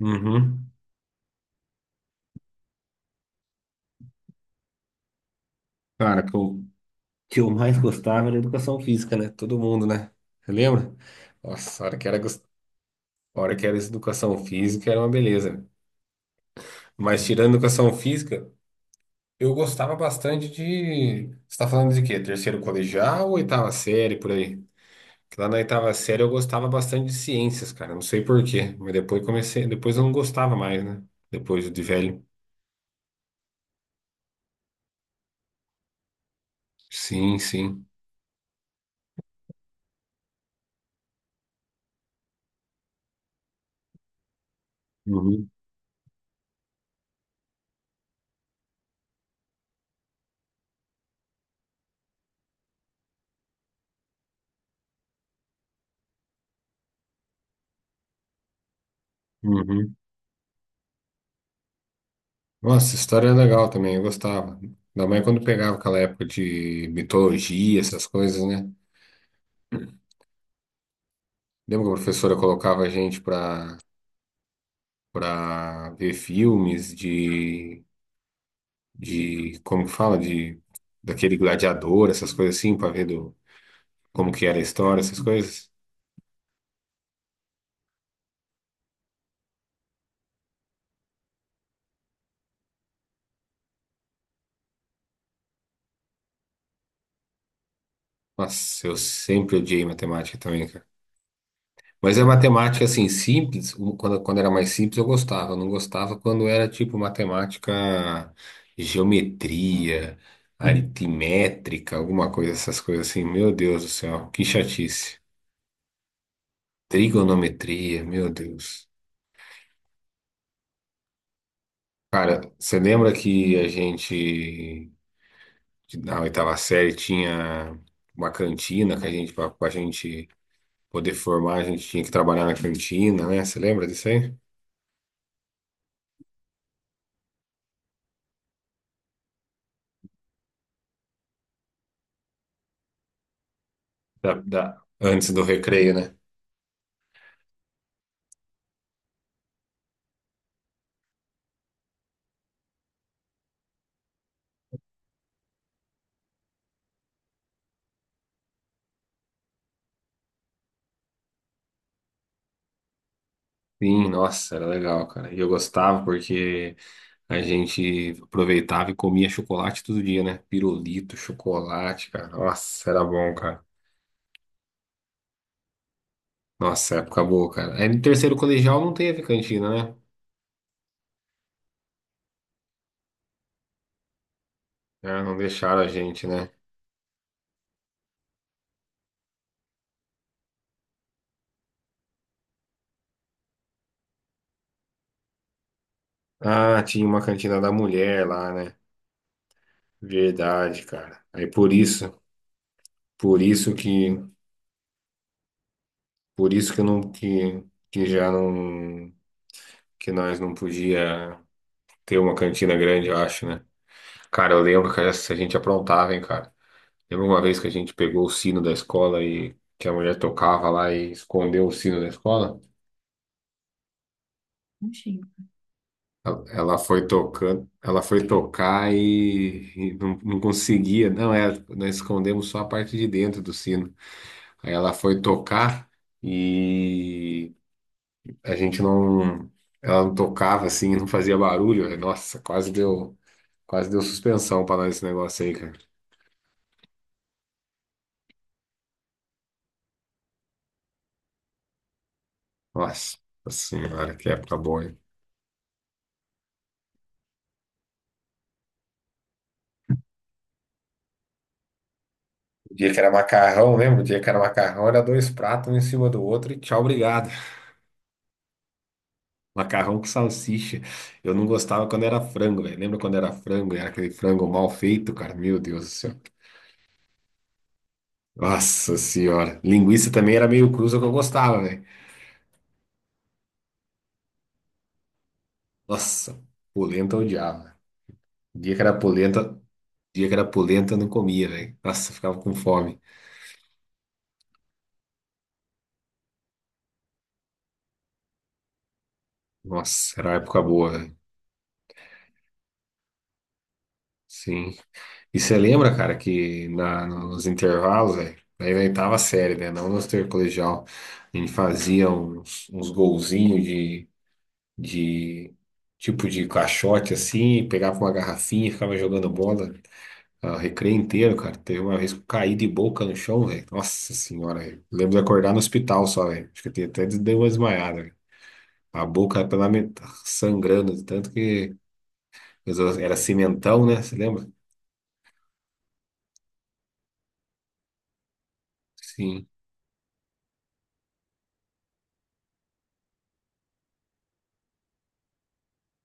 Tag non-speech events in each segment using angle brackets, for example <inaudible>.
Uhum. Cara, que eu mais gostava era educação física, né? Todo mundo, né? Você lembra? Nossa, a hora que era essa educação física era uma beleza, né? Mas tirando educação física, eu gostava bastante de. Você tá falando de quê? Terceiro colegial ou oitava série, por aí? Que lá na oitava série eu gostava bastante de ciências, cara. Não sei por quê. Mas depois comecei. Depois eu não gostava mais, né? Depois de velho. Sim, sim. Uhum. Uhum. Nossa, história é legal também, eu gostava. Ainda mais quando pegava aquela época de mitologia, essas coisas, né? Lembra que a professora colocava a gente pra, pra ver filmes como que fala, de, daquele gladiador, essas coisas assim, pra ver do, como que era a história, essas coisas? Nossa, eu sempre odiei matemática também. Mas é matemática assim simples, quando era mais simples eu gostava, eu não gostava quando era tipo matemática, geometria, aritmétrica, alguma coisa, essas coisas assim. Meu Deus do céu, que chatice. Trigonometria, meu Deus. Cara, você lembra que a gente na oitava série tinha uma cantina que a gente para a gente poder formar, a gente tinha que trabalhar na cantina, né? Você lembra disso aí? Antes do recreio, né? Sim, nossa, era legal, cara. E eu gostava porque a gente aproveitava e comia chocolate todo dia, né? Pirulito, chocolate, cara. Nossa, era bom, cara. Nossa, época boa, cara. Aí no terceiro colegial não teve cantina, né? Ah, não deixaram a gente, né? Ah, tinha uma cantina da mulher lá, né? Verdade, cara. Aí por isso, por isso que, por isso que eu não, que já não, que nós não podia ter uma cantina grande, eu acho, né? Cara, eu lembro que essa a gente aprontava, hein, cara. Lembro uma vez que a gente pegou o sino da escola e que a mulher tocava lá e escondeu o sino da escola. Ela foi tocando, ela foi tocar e não conseguia. Não, é, nós escondemos só a parte de dentro do sino. Aí ela foi tocar e a gente não, ela não tocava assim, não fazia barulho. Nossa, quase deu suspensão para nós esse negócio aí, cara. Nossa senhora, que época boa, hein? O dia que era macarrão, lembra? O dia que era macarrão era dois pratos um em cima do outro e tchau, obrigado. <laughs> Macarrão com salsicha. Eu não gostava quando era frango, velho. Lembra quando era frango? Era aquele frango mal feito, cara. Meu Deus do céu. Nossa senhora. Linguiça também era meio cruza que eu gostava, velho. Nossa, polenta eu odiava. O dia que era polenta, dia que era polenta eu não comia, velho. Nossa, eu ficava com fome. Nossa, era uma época boa, velho. Sim. E você lembra, cara, que na- nos intervalos, velho, aí na oitava série, né? Não no intercolegial, a gente fazia uns golzinhos de tipo de caixote assim, pegava uma garrafinha, e ficava jogando bola. O recreio inteiro, cara. Teve uma vez que eu caí de boca no chão, velho. Nossa senhora, velho. Lembro de acordar no hospital só, velho. Acho que eu até dei uma desmaiada, velho. A boca pela met... sangrando, tanto que era cimentão, né? Você lembra? Sim.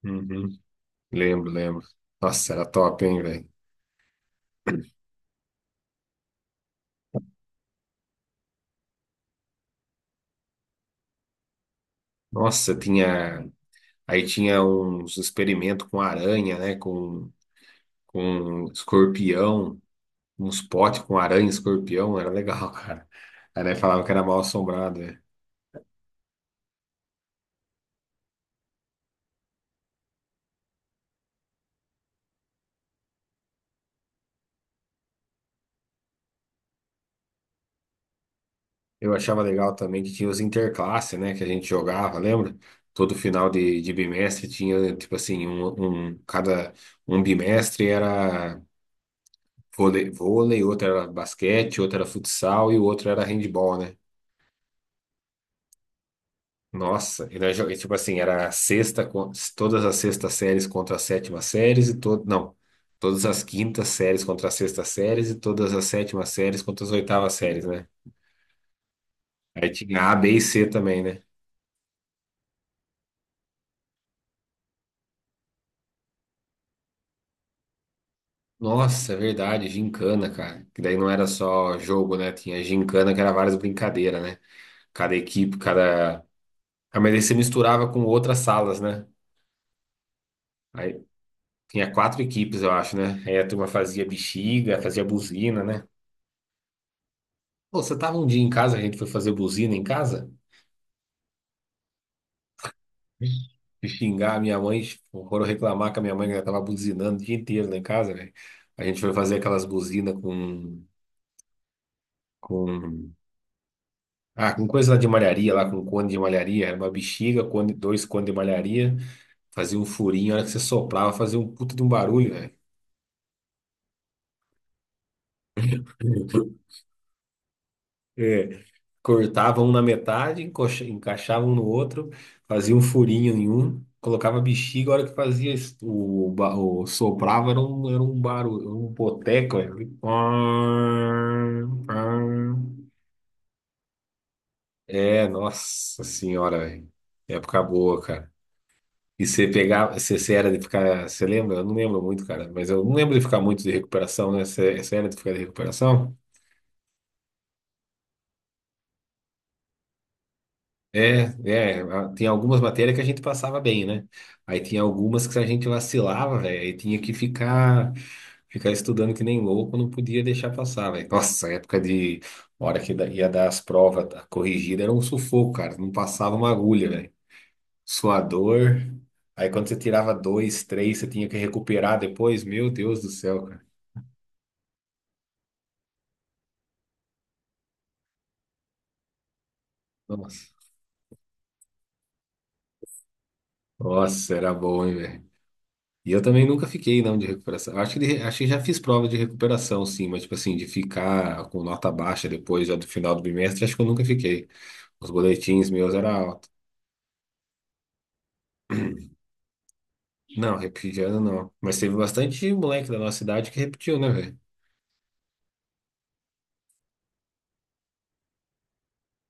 Uhum. Lembro, lembro. Nossa, era top, hein, velho? Nossa, tinha. Aí tinha uns experimentos com aranha, né? Com escorpião, uns potes com aranha e escorpião, era legal, <laughs> cara. Aí né, falava que era mal assombrado, né? Eu achava legal também que tinha os interclasse, né? Que a gente jogava, lembra? Todo final de bimestre tinha, tipo assim, cada um bimestre era vôlei, outro era basquete, outro era futsal e o outro era handball, né? Nossa, e tipo assim, era todas as sextas séries contra as sétimas séries e todo, não, todas as quintas séries contra as sextas séries e todas as sétimas séries contra as oitavas séries, né? Aí tinha A, B e C também, né? Nossa, é verdade, gincana, cara. Que daí não era só jogo, né? Tinha gincana que era várias brincadeiras, né? Cada equipe, cada... Ah, mas aí você misturava com outras salas, né? Aí tinha quatro equipes, eu acho, né? Aí a turma fazia bexiga, fazia buzina, né? Pô, você tava um dia em casa, a gente foi fazer buzina em casa, e xingar a minha mãe, tipo, foram reclamar que a minha mãe já tava buzinando o dia inteiro lá em casa, velho. A gente foi fazer aquelas buzinas com com coisa lá de malharia, lá com cone de malharia, era uma bexiga, cone, dois cones de malharia, fazia um furinho, a hora que você soprava, fazia um puta de um barulho. É, cortavam um na metade, encaixavam um no outro, fazia um furinho em um, colocava bexiga, a hora que fazia es- o, ba- o soprava era era um barulho, um boteco. Era... um pam, pam. É, nossa senhora, velho. Época boa, cara. E você pegava, você era de ficar, você lembra? Eu não lembro muito, cara, mas eu não lembro de ficar muito de recuperação, né? Você era de ficar de recuperação? Tem algumas matérias que a gente passava bem, né? Aí tinha algumas que a gente vacilava, velho, aí tinha que ficar estudando que nem louco, não podia deixar passar, velho. Nossa, a época de hora que ia dar as provas, a corrigida era um sufoco, cara, não passava uma agulha, velho. Suador. Aí quando você tirava dois, três, você tinha que recuperar depois, meu Deus do céu, cara. Nossa, nossa, era bom, hein, velho. E eu também nunca fiquei, não, de recuperação. Acho que já fiz prova de recuperação, sim, mas, tipo assim, de ficar com nota baixa depois, já do final do bimestre, acho que eu nunca fiquei. Os boletins meus era alto. Não, repetir de ano não. Mas teve bastante moleque da nossa idade que repetiu, né, velho?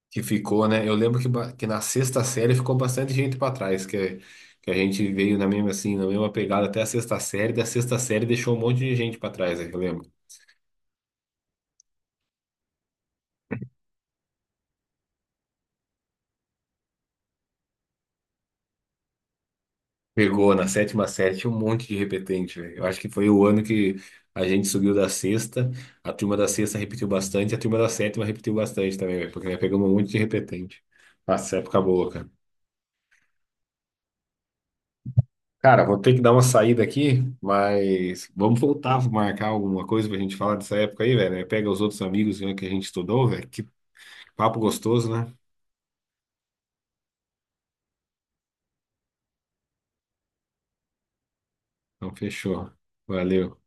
Que ficou, né? Eu lembro que na sexta série ficou bastante gente pra trás, que a gente veio na mesma, assim, na mesma pegada até a sexta série, da sexta série deixou um monte de gente pra trás, né, que eu lembro. Pegou na sétima série um monte de repetente, velho. Eu acho que foi o ano que a gente subiu da sexta, a turma da sexta repetiu bastante, a turma da sétima repetiu bastante também, velho, porque nós pegamos um monte de repetente. Nossa, época boa, cara. Cara, vou ter que dar uma saída aqui, mas vamos voltar, vou marcar alguma coisa pra gente falar dessa época aí, velho, né? Pega os outros amigos né, que a gente estudou, velho. Que papo gostoso, né? Então, fechou. Valeu.